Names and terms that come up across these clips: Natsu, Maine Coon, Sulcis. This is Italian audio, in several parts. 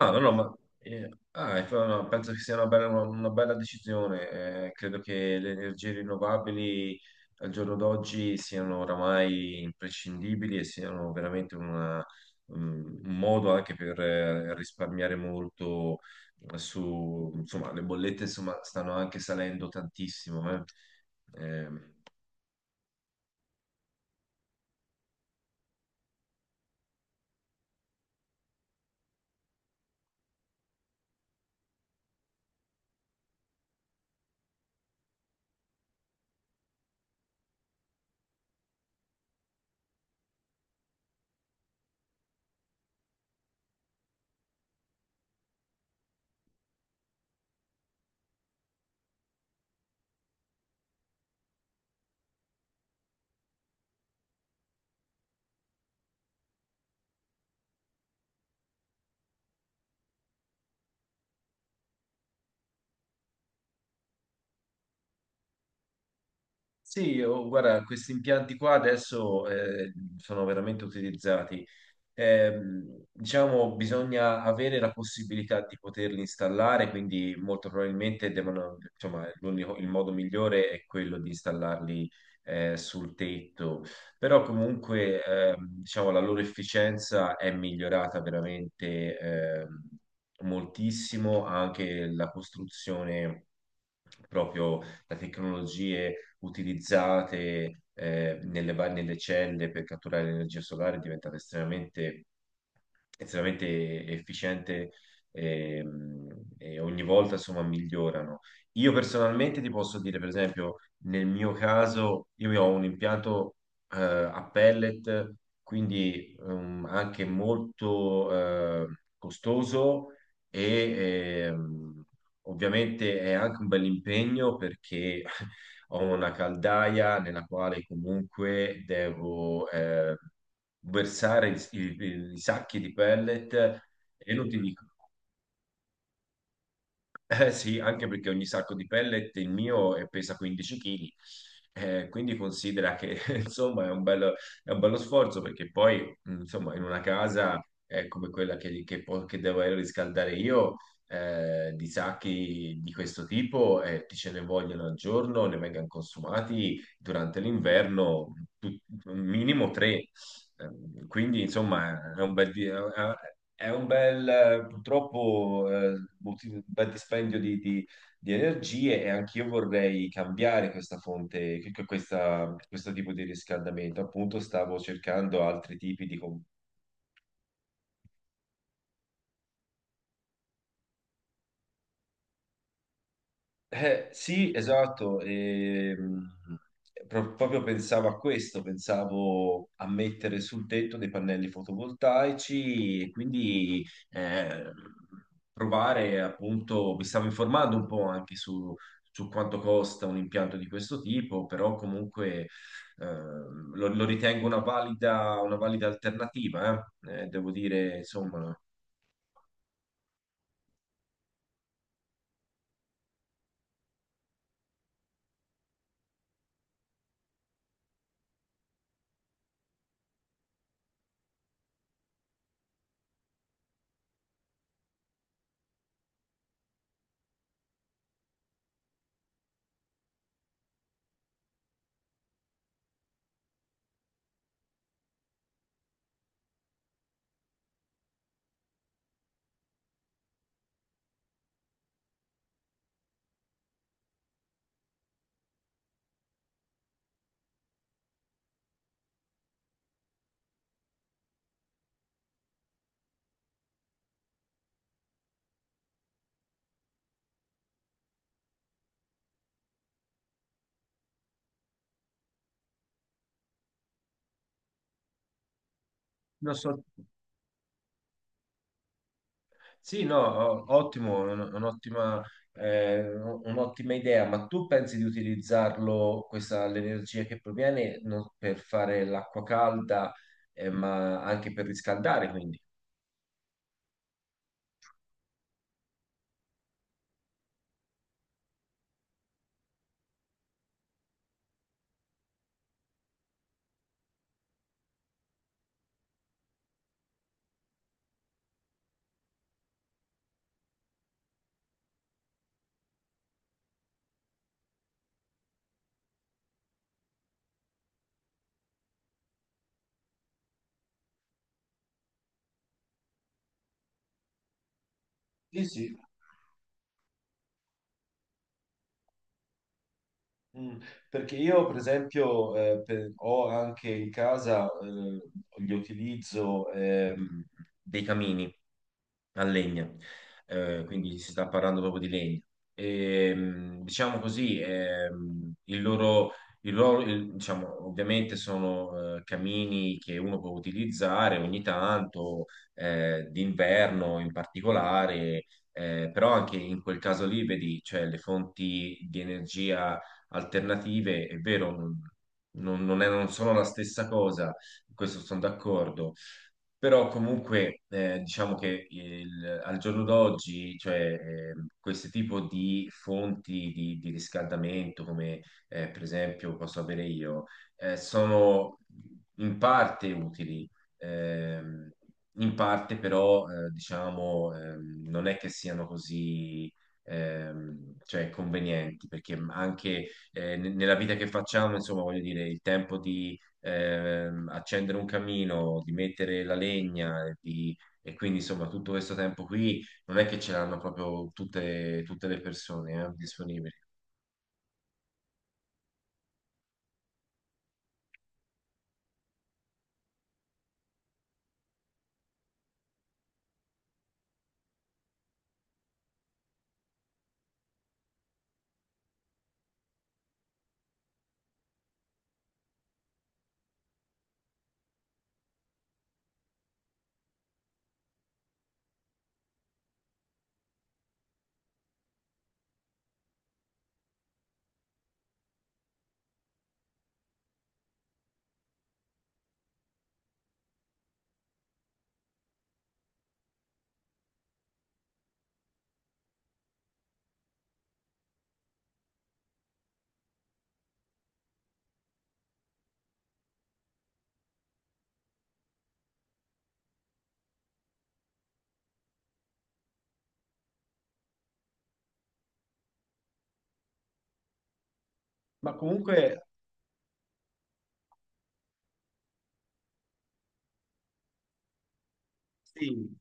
Ah, no, no, ma ah, ecco, no, no, penso che sia una bella, una bella decisione. Credo che le energie rinnovabili al giorno d'oggi siano oramai imprescindibili e siano veramente un modo anche per risparmiare molto su, insomma, le bollette, insomma, stanno anche salendo tantissimo, eh. Ehm, sì, oh, guarda, questi impianti qua adesso sono veramente utilizzati. Diciamo, bisogna avere la possibilità di poterli installare, quindi molto probabilmente devono, insomma, il modo migliore è quello di installarli sul tetto, però comunque diciamo, la loro efficienza è migliorata veramente moltissimo, anche la costruzione proprio da tecnologie utilizzate nelle celle per catturare l'energia solare è diventata estremamente efficiente. ehm, e, ogni volta, insomma, migliorano. Io personalmente ti posso dire, per esempio, nel mio caso, io ho un impianto a pellet, quindi anche molto costoso, e ovviamente è anche un bel impegno perché ho una caldaia nella quale comunque devo versare i sacchi di pellet, e non ti dico. Eh sì, anche perché ogni sacco di pellet il mio pesa 15 kg, quindi considera che insomma è un bello sforzo perché poi insomma in una casa come quella che devo riscaldare io, di sacchi di questo tipo ti ce ne vogliono al giorno, ne vengono consumati durante l'inverno un minimo tre. Quindi, insomma, è un bel, purtroppo, un bel dispendio di energie, e anch'io vorrei cambiare questa fonte, questo tipo di riscaldamento. Appunto, stavo cercando altri tipi di. Sì, esatto, e, proprio pensavo a questo, pensavo a mettere sul tetto dei pannelli fotovoltaici, e quindi provare, appunto, mi stavo informando un po' anche su quanto costa un impianto di questo tipo, però comunque lo ritengo una valida alternativa, eh. Devo dire, insomma, non so. Sì, no, ottimo, un'ottima idea, ma tu pensi di utilizzarlo, questa, l'energia che proviene, per fare l'acqua calda, ma anche per riscaldare, quindi? Sì, sì. Mm, Perché io, per esempio, ho anche in casa, gli utilizzo dei camini a legna. Quindi si sta parlando proprio di legna. E, diciamo così, diciamo, ovviamente sono camini che uno può utilizzare ogni tanto, d'inverno in particolare, però anche in quel caso lì, vedi, cioè le fonti di energia alternative, è vero, non sono la stessa cosa, questo sono d'accordo, però comunque diciamo che al giorno d'oggi, cioè, questo tipo di fonti di riscaldamento, come per esempio posso avere io, sono in parte utili, ehm, in parte però diciamo non è che siano così cioè convenienti, perché anche nella vita che facciamo, insomma, voglio dire, il tempo di accendere un camino, di mettere la legna, e quindi insomma tutto questo tempo qui non è che ce l'hanno proprio tutte le persone disponibili. Ma comunque sì.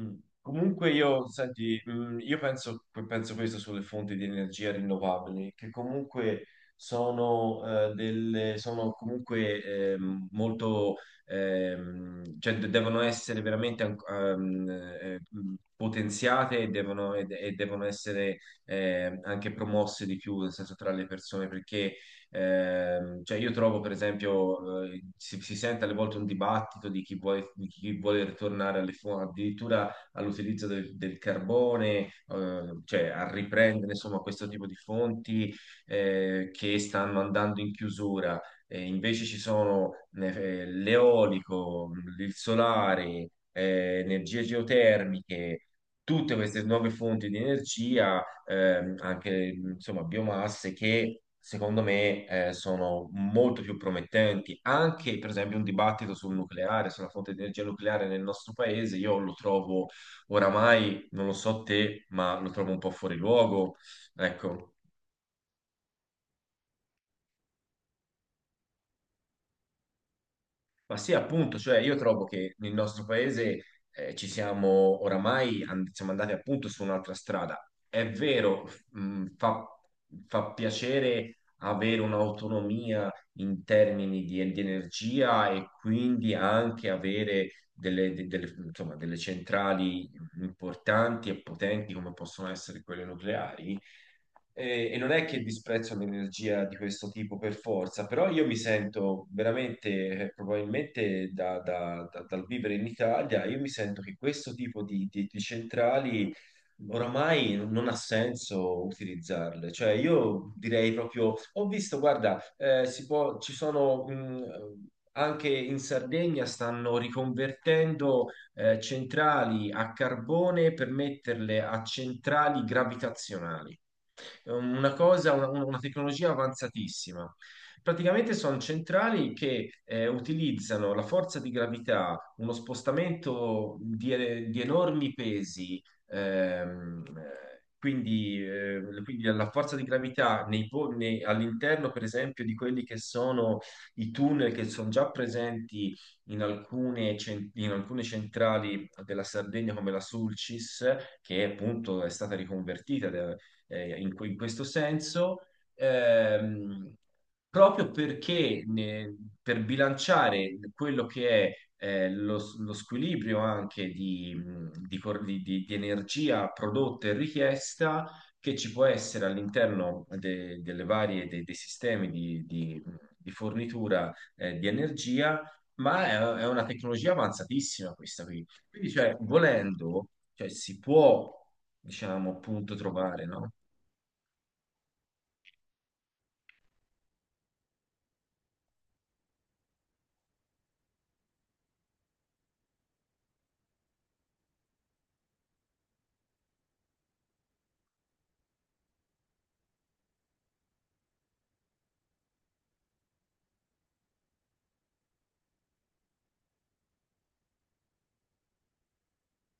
Mm. Comunque io, senti, io penso questo sulle fonti di energia rinnovabili, che comunque sono, sono comunque molto cioè devono essere veramente potenziate, e devono essere anche promosse di più, nel senso tra le persone, perché. Cioè io trovo, per esempio, si sente alle volte un dibattito di chi vuole, ritornare alle fonti, addirittura all'utilizzo del carbone, cioè a riprendere insomma questo tipo di fonti che stanno andando in chiusura. Invece ci sono l'eolico, il solare, energie geotermiche. Tutte queste nuove fonti di energia, anche insomma biomasse, che secondo me, sono molto più promettenti. Anche, per esempio, un dibattito sul nucleare, sulla fonte di energia nucleare nel nostro paese, io lo trovo, oramai non lo so te, ma lo trovo un po' fuori luogo. Ecco. Ma sì, appunto, cioè io trovo che nel nostro paese ci siamo oramai siamo andati appunto su un'altra strada. È vero, fa piacere avere un'autonomia in termini di energia, e quindi anche avere delle, insomma, delle centrali importanti e potenti come possono essere quelle nucleari. E non è che disprezzo l'energia di questo tipo per forza, però io mi sento veramente, probabilmente dal vivere in Italia, io mi sento che questo tipo di centrali oramai non ha senso utilizzarle. Cioè io direi proprio, ho visto, guarda, si può, ci sono. Anche in Sardegna stanno riconvertendo centrali a carbone per metterle a centrali gravitazionali. È una tecnologia avanzatissima. Praticamente sono centrali che utilizzano la forza di gravità, uno spostamento di enormi pesi, ehm, eh, quindi la forza di gravità all'interno, per esempio, di quelli che sono i tunnel che sono già presenti in alcune centrali della Sardegna come la Sulcis, che appunto è stata riconvertita in questo senso, ehm, proprio perché per bilanciare quello che è lo squilibrio anche di cor- di energia prodotta e richiesta, che ci può essere all'interno delle varie, dei sistemi di fornitura di energia, ma è una tecnologia avanzatissima, questa qui. Quindi, cioè, volendo, cioè, si può, diciamo, appunto trovare, no?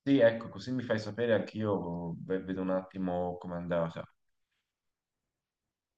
Sì, ecco, così mi fai sapere anch'io, vedo un attimo com'è andata.